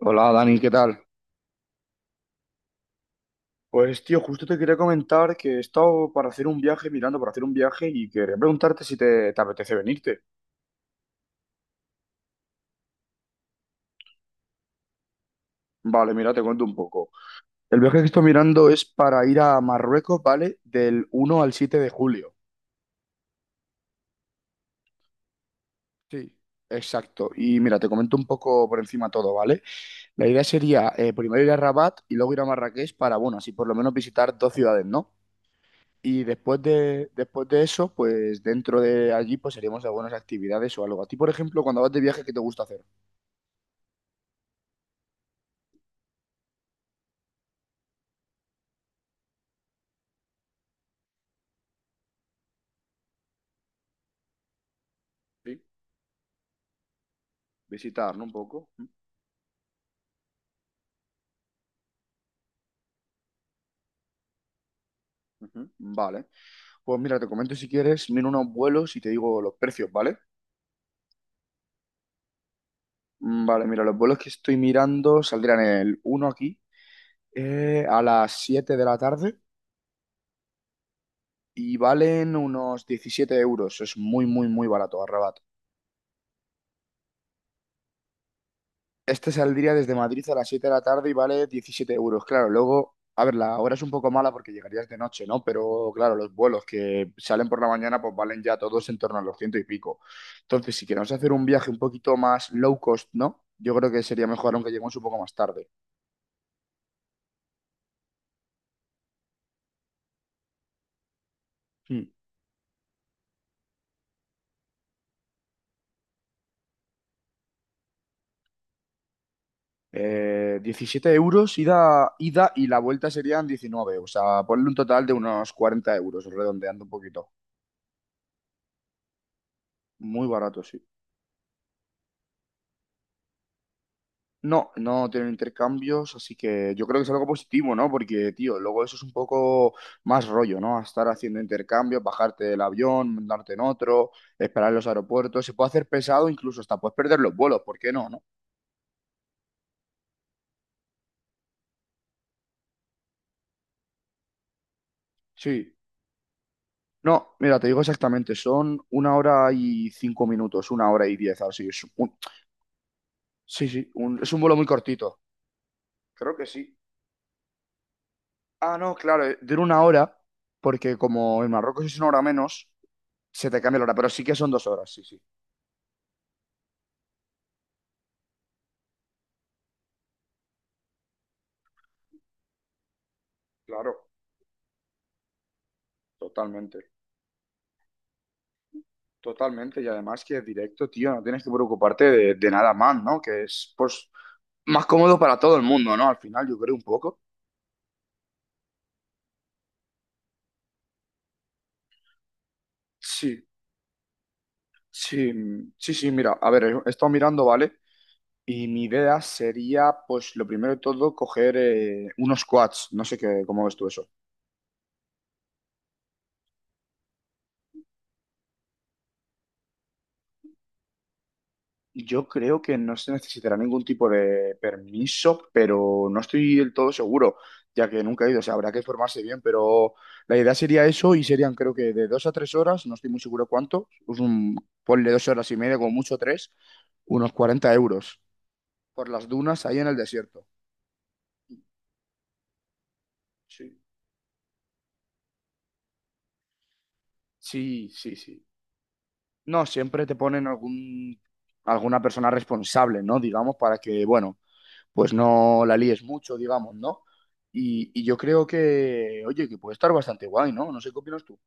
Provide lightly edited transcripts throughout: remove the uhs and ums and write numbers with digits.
Hola Dani, ¿qué tal? Pues tío, justo te quería comentar que he estado para hacer un viaje, mirando para hacer un viaje y quería preguntarte si te apetece venirte. Vale, mira, te cuento un poco. El viaje que estoy mirando es para ir a Marruecos, ¿vale? Del 1 al 7 de julio. Sí. Exacto. Y mira, te comento un poco por encima todo, ¿vale? La idea sería primero ir a Rabat y luego ir a Marrakech para, bueno, así por lo menos visitar dos ciudades, ¿no? Y después de eso, pues dentro de allí, pues haríamos algunas actividades o algo. A ti, por ejemplo, cuando vas de viaje, ¿qué te gusta hacer? Sí, visitar, ¿no? Un poco. Ujú. Vale. Pues mira, te comento si quieres, miro unos vuelos y te digo los precios, ¿vale? Vale, mira, los vuelos que estoy mirando saldrán el 1 aquí a las 7 de la tarde y valen unos 17 euros. Es muy, muy, muy barato, arrebat. Este saldría desde Madrid a las 7 de la tarde y vale 17 euros. Claro, luego, a ver, la hora es un poco mala porque llegarías de noche, ¿no? Pero claro, los vuelos que salen por la mañana pues valen ya todos en torno a los ciento y pico. Entonces, si queremos hacer un viaje un poquito más low cost, ¿no? Yo creo que sería mejor aunque lleguemos un poco más tarde. Hmm. 17 euros ida, ida y la vuelta serían 19. O sea, ponle un total de unos 40 euros, redondeando un poquito. Muy barato, sí. No, no tienen intercambios, así que yo creo que es algo positivo, ¿no? Porque, tío, luego eso es un poco más rollo, ¿no? Estar haciendo intercambios, bajarte del avión, darte en otro, esperar en los aeropuertos, se puede hacer pesado, incluso hasta puedes perder los vuelos, ¿por qué no, no? Sí. No, mira, te digo exactamente, son una hora y 5 minutos, una hora y 10, sí, sí, es un vuelo muy cortito. Creo que sí. Ah, no, claro, dura una hora, porque como en Marruecos es una hora menos, se te cambia la hora, pero sí que son 2 horas, sí, sí. Claro, totalmente, totalmente. Y además que es directo, tío, no tienes que preocuparte de nada más, ¿no? Que es, pues, más cómodo para todo el mundo, ¿no? Al final, yo creo un poco. Sí, sí, sí, sí, mira, a ver, he estado mirando, ¿vale? Y mi idea sería, pues, lo primero de todo, coger unos quads. No sé qué, cómo ves tú eso. Yo creo que no se necesitará ningún tipo de permiso, pero no estoy del todo seguro, ya que nunca he ido, o sea, habrá que formarse bien, pero la idea sería eso y serían creo que de 2 a 3 horas, no estoy muy seguro cuánto, pues un, ponle 2 horas y media, como mucho tres, unos 40 euros por las dunas ahí en el desierto. Sí, sí, sí, sí. No, siempre te ponen alguna persona responsable, ¿no? Digamos, para que, bueno, pues no la líes mucho, digamos, ¿no? Y yo creo que, oye, que puede estar bastante guay, ¿no? No sé qué opinas tú.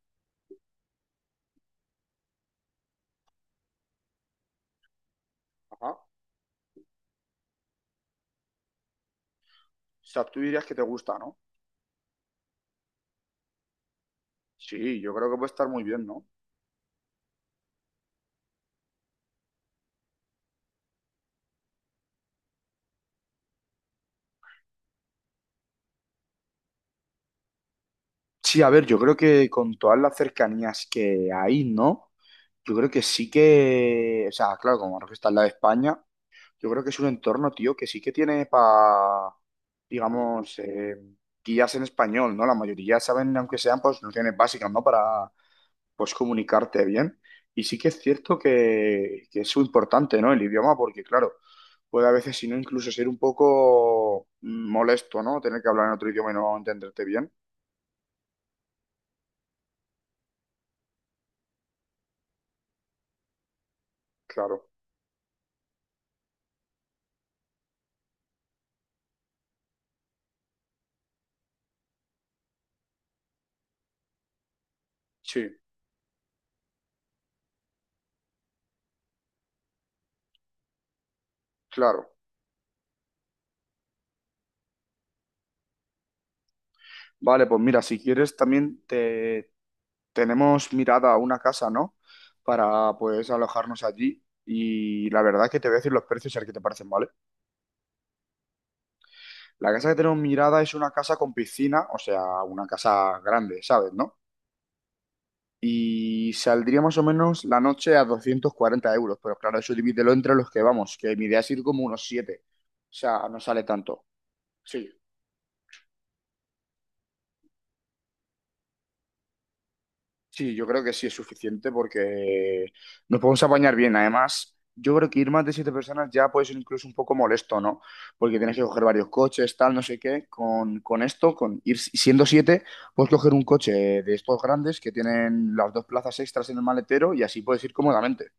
Ajá. O sea, tú dirías que te gusta, ¿no? Sí, yo creo que puede estar muy bien, ¿no? Sí, a ver, yo creo que con todas las cercanías que hay, ¿no? Yo creo que sí que, o sea, claro, como Marruecos está en la de España, yo creo que es un entorno, tío, que sí que tiene para, digamos, guías en español, ¿no? La mayoría saben, aunque sean, pues, nociones básicas, ¿no? Para, pues comunicarte bien. Y sí que es cierto que es muy importante, ¿no? El idioma, porque claro, puede a veces, si no, incluso ser un poco molesto, ¿no? Tener que hablar en otro idioma y no entenderte bien. Claro, sí, claro. Vale, pues mira, si quieres también te tenemos mirada a una casa, ¿no? Para pues alojarnos allí. Y la verdad que te voy a decir los precios, a ver qué te parecen, ¿vale? La casa que tenemos mirada es una casa con piscina, o sea, una casa grande, ¿sabes, no? Y saldría más o menos la noche a 240 euros, pero claro, eso divídelo entre los que vamos, que mi idea es ir como unos 7, o sea, no sale tanto. Sí, sí, yo creo que sí es suficiente porque nos podemos apañar bien, además, yo creo que ir más de 7 personas ya puede ser incluso un poco molesto, ¿no? Porque tienes que coger varios coches, tal, no sé qué, con esto, con ir si, siendo 7, puedes coger un coche de estos grandes que tienen las dos plazas extras en el maletero y así puedes ir cómodamente.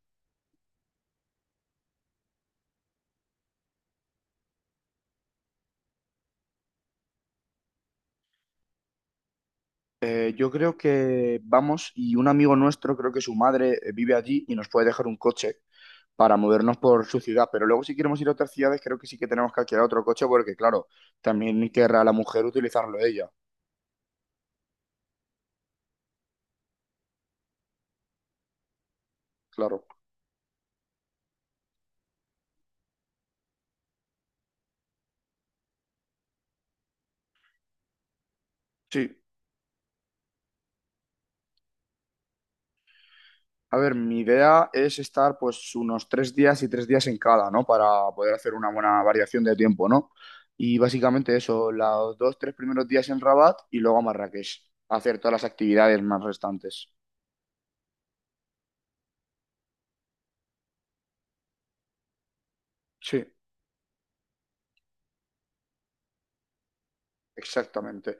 Yo creo que vamos y un amigo nuestro, creo que su madre vive allí y nos puede dejar un coche para movernos por su ciudad, pero luego si queremos ir a otras ciudades creo que sí que tenemos que alquilar otro coche porque claro, también querrá la mujer utilizarlo ella, claro. Sí, a ver, mi idea es estar pues unos 3 días y 3 días en cada, ¿no? Para poder hacer una buena variación de tiempo, ¿no? Y básicamente eso, los dos, tres primeros días en Rabat y luego a Marrakech, a hacer todas las actividades más restantes. Sí, exactamente.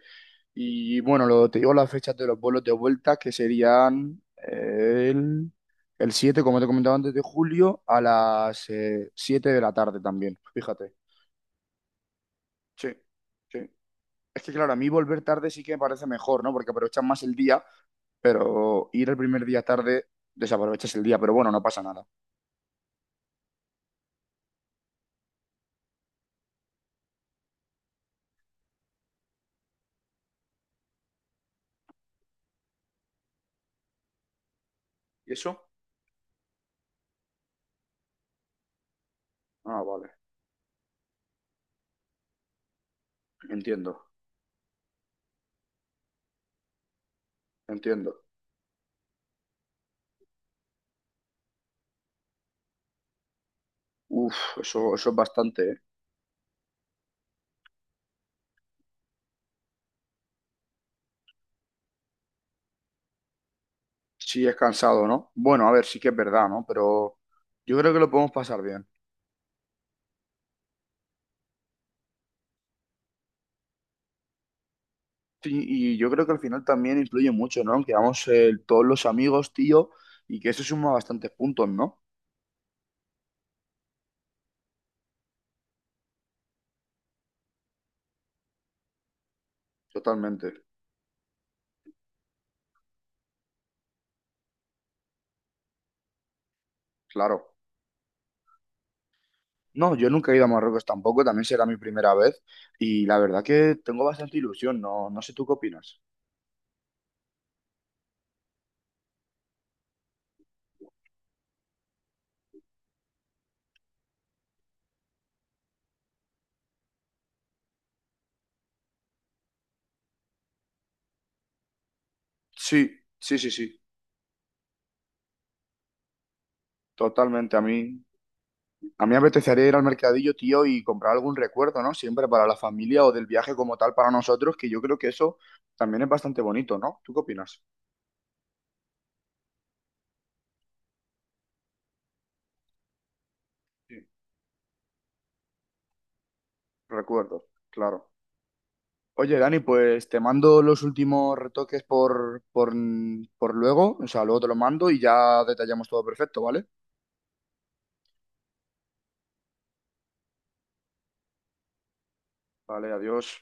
Y bueno, lo, te digo las fechas de los vuelos de vuelta, que serían el 7 como te comentaba antes, de julio, a las 7 de la tarde también, fíjate. Sí, sí. Es que claro, a mí volver tarde sí que me parece mejor, ¿no? Porque aprovechas más el día, pero ir el primer día tarde, desaprovechas el día, pero bueno, no pasa nada. ¿Y eso? Ah, vale, entiendo, entiendo. Uf, eso es bastante, ¿eh? Sí, es cansado, ¿no? Bueno, a ver, sí que es verdad, ¿no? Pero yo creo que lo podemos pasar bien. Sí, y yo creo que al final también influye mucho, ¿no? Que vamos todos los amigos, tío, y que eso suma bastantes puntos, ¿no? Totalmente, claro. No, yo nunca he ido a Marruecos tampoco, también será mi primera vez, y la verdad que tengo bastante ilusión, no, no sé tú qué opinas. Sí, sí, sí, sí, totalmente. A mí me apetecería ir al mercadillo, tío, y comprar algún recuerdo, ¿no? Siempre para la familia o del viaje como tal para nosotros, que yo creo que eso también es bastante bonito, ¿no? ¿Tú qué opinas? Sí, recuerdos, claro. Oye, Dani, pues te mando los últimos retoques por luego, o sea, luego te lo mando y ya detallamos todo perfecto, ¿vale? Vale, adiós.